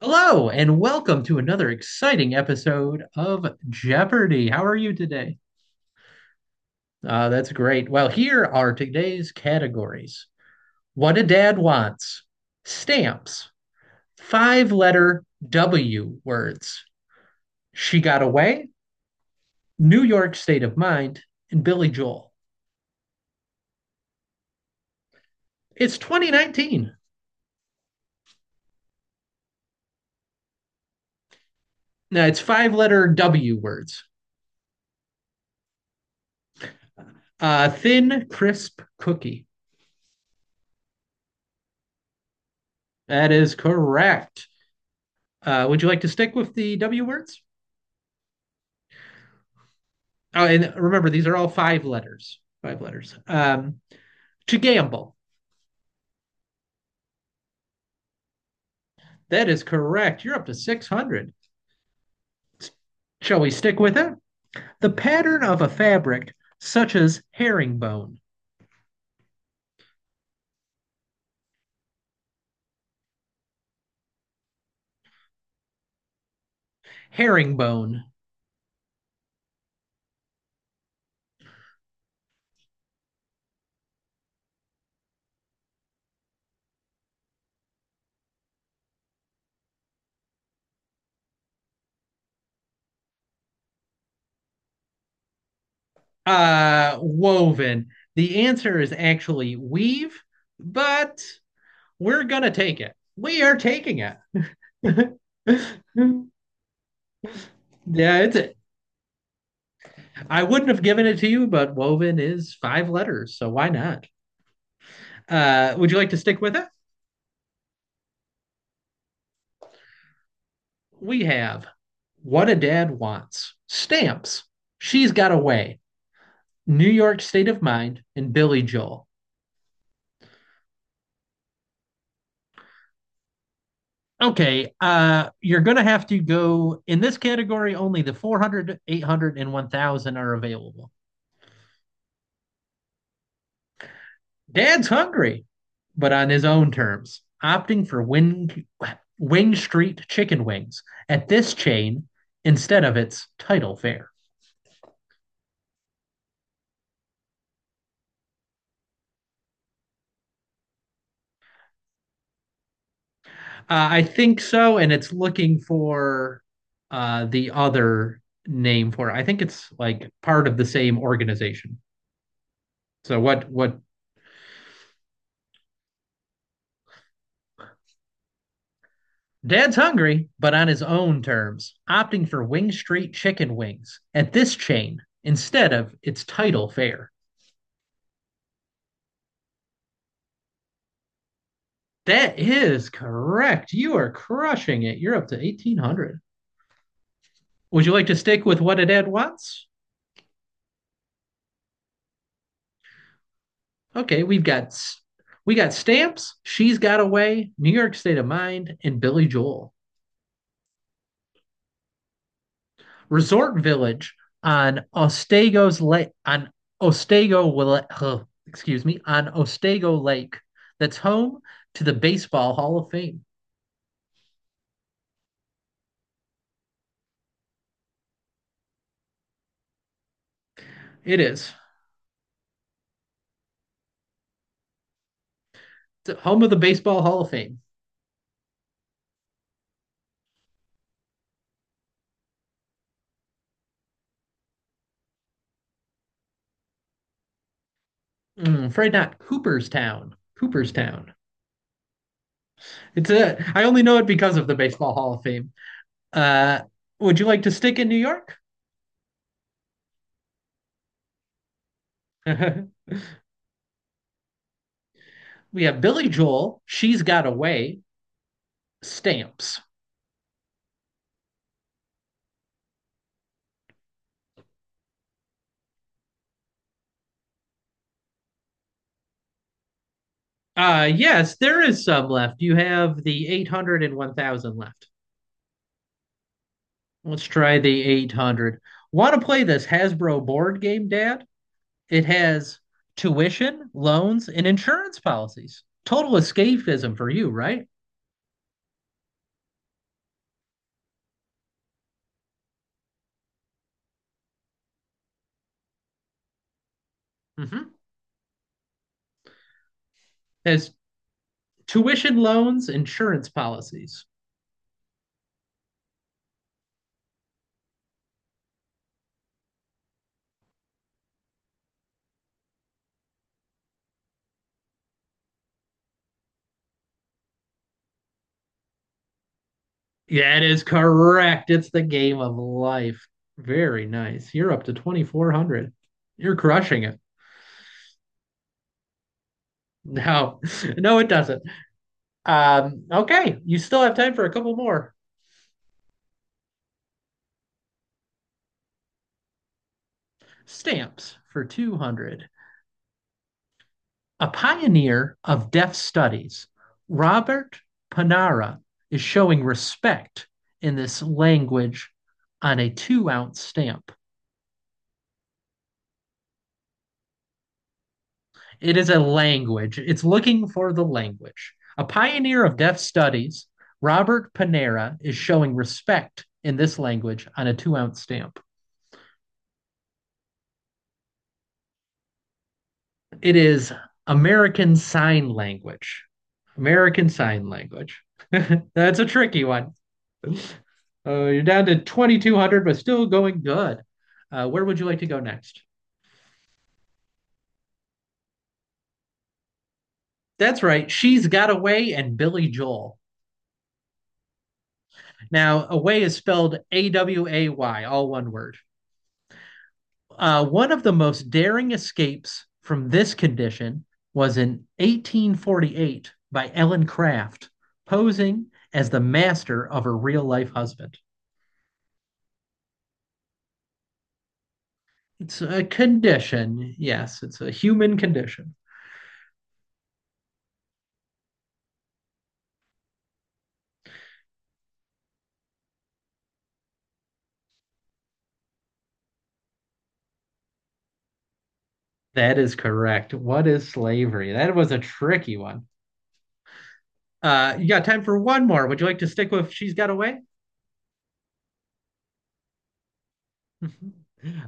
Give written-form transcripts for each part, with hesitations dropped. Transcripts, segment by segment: Hello, and welcome to another exciting episode of Jeopardy! How are you today? That's great. Well, here are today's categories: What a Dad Wants, Stamps, Five Letter W Words, She Got Away, New York State of Mind, and Billy Joel. It's 2019. No, it's five letter W words. Thin, crisp cookie. That is correct. Would you like to stick with the W words? Oh, and remember, these are all five letters. Five letters. To gamble. That is correct. You're up to 600. Shall we stick with it? The pattern of a fabric, such as herringbone. Herringbone. Woven. The answer is actually weave, but we're going to take it. We are taking it. Yeah, it's it. I wouldn't have given it to you, but woven is five letters, so why not? Would you like to stick with it? We have What a Dad Wants, Stamps, She's Got Away, New York State of Mind, and Billy Joel. Okay, you're going to have to go in this category, only the 400, 800, and 1000 are available. Dad's hungry, but on his own terms, opting for Wing Street chicken wings at this chain instead of its title fare. I think so, and it's looking for the other name for it. I think it's like part of the same organization. So what Dad's hungry, but on his own terms, opting for Wing Street chicken wings at this chain instead of its title fare. That is correct. You are crushing it. You're up to 1800. Would you like to stick with what a dad wants? Okay, we got stamps, she's got away, New York State of Mind, and Billy Joel. Resort village on Ostego's Lake, on excuse me, on Ostego Lake, that's home to the Baseball Hall of Fame. It is it's home of the Baseball Hall of Fame. Afraid not. Cooperstown. Cooperstown. It's a. I only know it because of the Baseball Hall of Fame. Uh, would you like to stick in New York? We have Billy Joel. She's got away. Stamps. Yes, there is some left. You have the 800 and 1000 left. Let's try the 800. Want to play this Hasbro board game, Dad? It has tuition, loans, and insurance policies. Total escapism for you, right? Mm-hmm. Has tuition, loans, insurance policies. Yeah, it is correct. It's the game of life. Very nice. You're up to 2400. You're crushing it. No, no, it doesn't. Okay, you still have time for a couple more. Stamps for 200. A pioneer of deaf studies, Robert Panara is showing respect in this language on a 2-ounce stamp. It is a language, it's looking for the language. A pioneer of deaf studies, Robert Panera is showing respect in this language on a 2-ounce stamp. It is American Sign Language. American Sign Language. That's a tricky one. Uh, you're down to 2,200, but still going good. Where would you like to go next? That's right. She's Got Away and Billy Joel. Now, away is spelled away, all one word. One of the most daring escapes from this condition was in 1848 by Ellen Craft, posing as the master of her real life husband. It's a condition. Yes, it's a human condition. That is correct. What is slavery? That was a tricky one. You got time for one more. Would you like to stick with She's Got Away?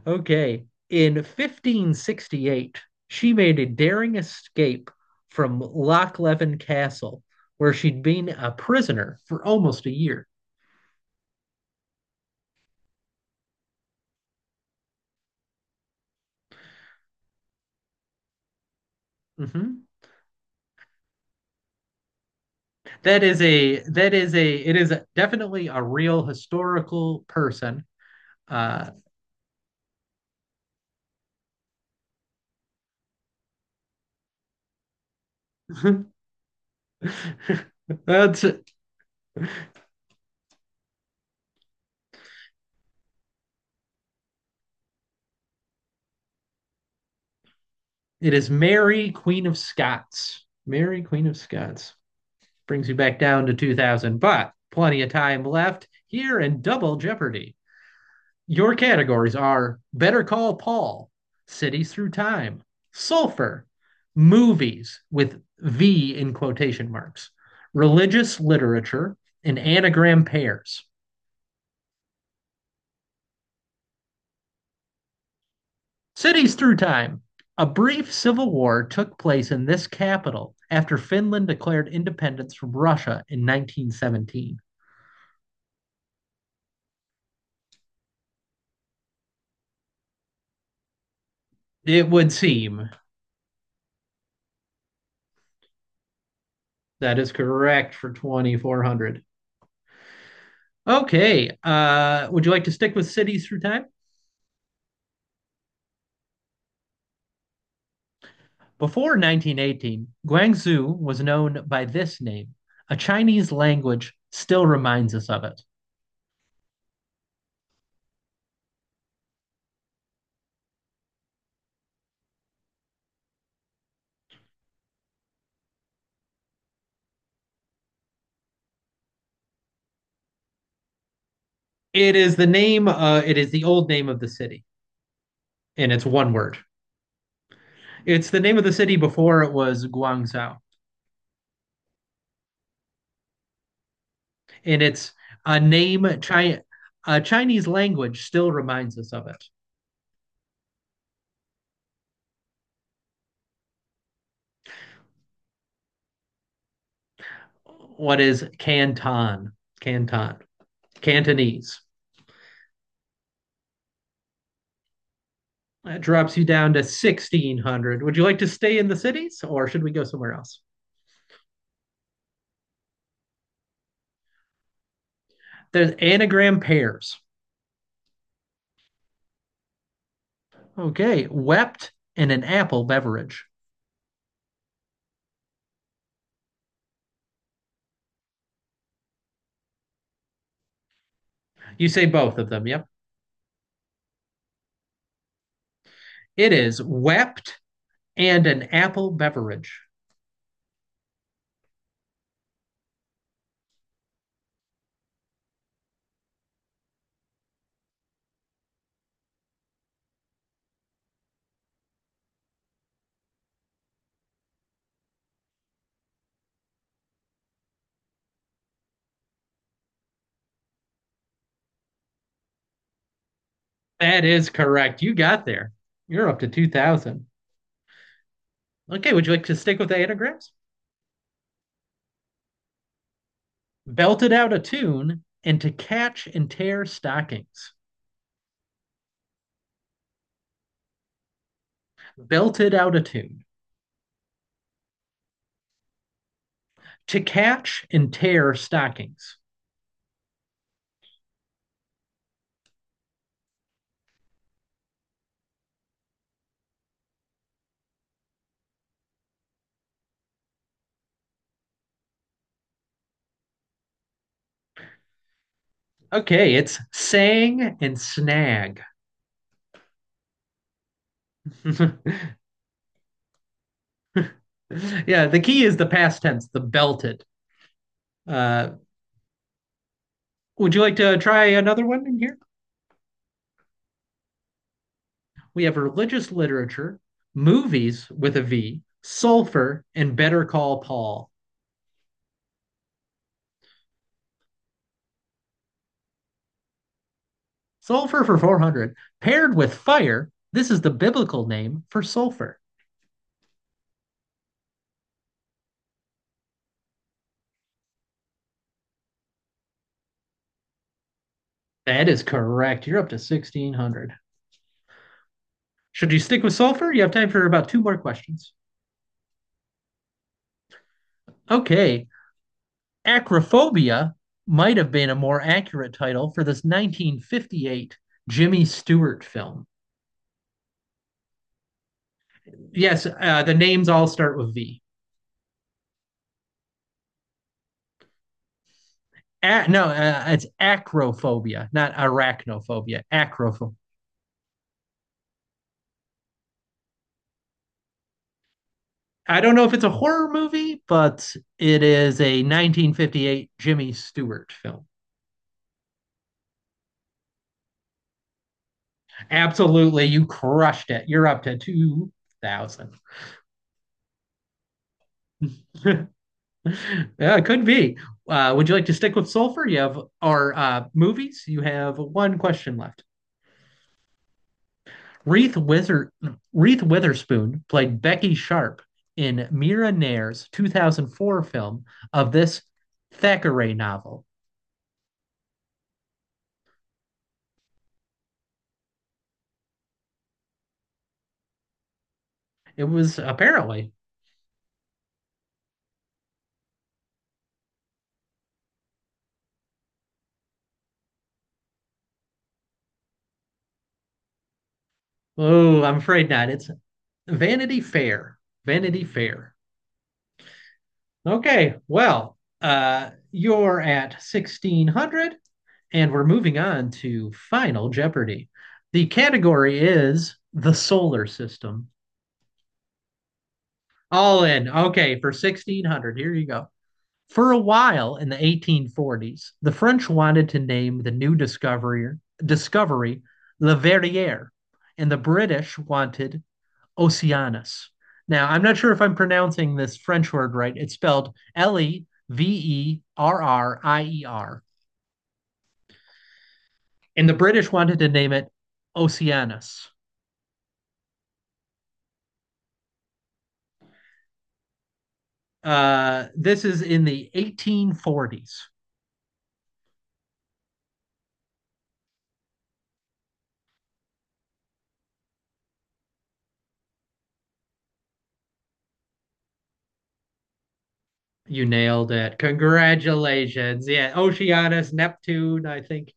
Okay. In 1568, she made a daring escape from Lochleven Castle, where she'd been a prisoner for almost a year. Mhm. That is a Definitely a real historical person. Uh, that's It is Mary, Queen of Scots. Mary, Queen of Scots. Brings you back down to 2000, but plenty of time left here in Double Jeopardy. Your categories are Better Call Paul, Cities Through Time, Sulfur, Movies with V in quotation marks, Religious Literature, and Anagram Pairs. Cities through time. A brief civil war took place in this capital after Finland declared independence from Russia in 1917. It would seem that is correct for 2400. Okay, would you like to stick with cities through time? Before 1918, Guangzhou was known by this name. A Chinese language still reminds us of it. It is the old name of the city, and it's one word. It's the name of the city before it was Guangzhou, and it's a name Chinese language still reminds us of it. What is Canton? Canton, Cantonese. That drops you down to 1,600. Would you like to stay in the cities, or should we go somewhere else? There's anagram pears. Okay, wept and an apple beverage. You say both of them. Yep. It is wept and an apple beverage. That is correct. You got there. You're up to 2000. Okay, would you like to stick with the anagrams? Belted out a tune and to catch and tear stockings. Belted out a tune. To catch and tear stockings. Okay, it's sang and snag. Yeah, the key is the past tense, the belted. Uh, would you like to try another one in here? We have religious literature, movies with a V, sulfur, and Better Call Paul. Sulfur for 400. Paired with fire, this is the biblical name for sulfur. That is correct. You're up to 1600. Should you stick with sulfur? You have time for about two more questions. Okay. Acrophobia might have been a more accurate title for this 1958 Jimmy Stewart film. Yes, the names all start with V. No, it's acrophobia, not arachnophobia. I don't know if it's a horror movie, but it is a 1958 Jimmy Stewart film. Absolutely, you crushed it. You're up to 2,000. Yeah, it could be. Would you like to stick with sulfur? You have our movies. You have one question left. Reith, Wither- Reith Witherspoon played Becky Sharp in Mira Nair's 2004 film of this Thackeray novel. It was apparently, oh, I'm afraid not. It's Vanity Fair. Vanity Fair. Okay, well, you're at 1600, and we're moving on to Final Jeopardy. The category is the solar system. All in. Okay, for 1600, here you go. For a while in the 1840s, the French wanted to name the new discovery Le Verrier, and the British wanted Oceanus. Now, I'm not sure if I'm pronouncing this French word right. It's spelled Leverrier. And the British wanted to name it Oceanus. This is in the 1840s. You nailed it. Congratulations. Yeah, Oceanus, Neptune, I think.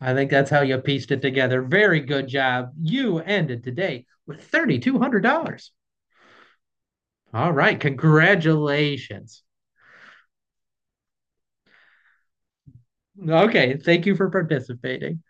I think that's how you pieced it together. Very good job. You ended today with $3,200. All right. Congratulations. Okay. Thank you for participating.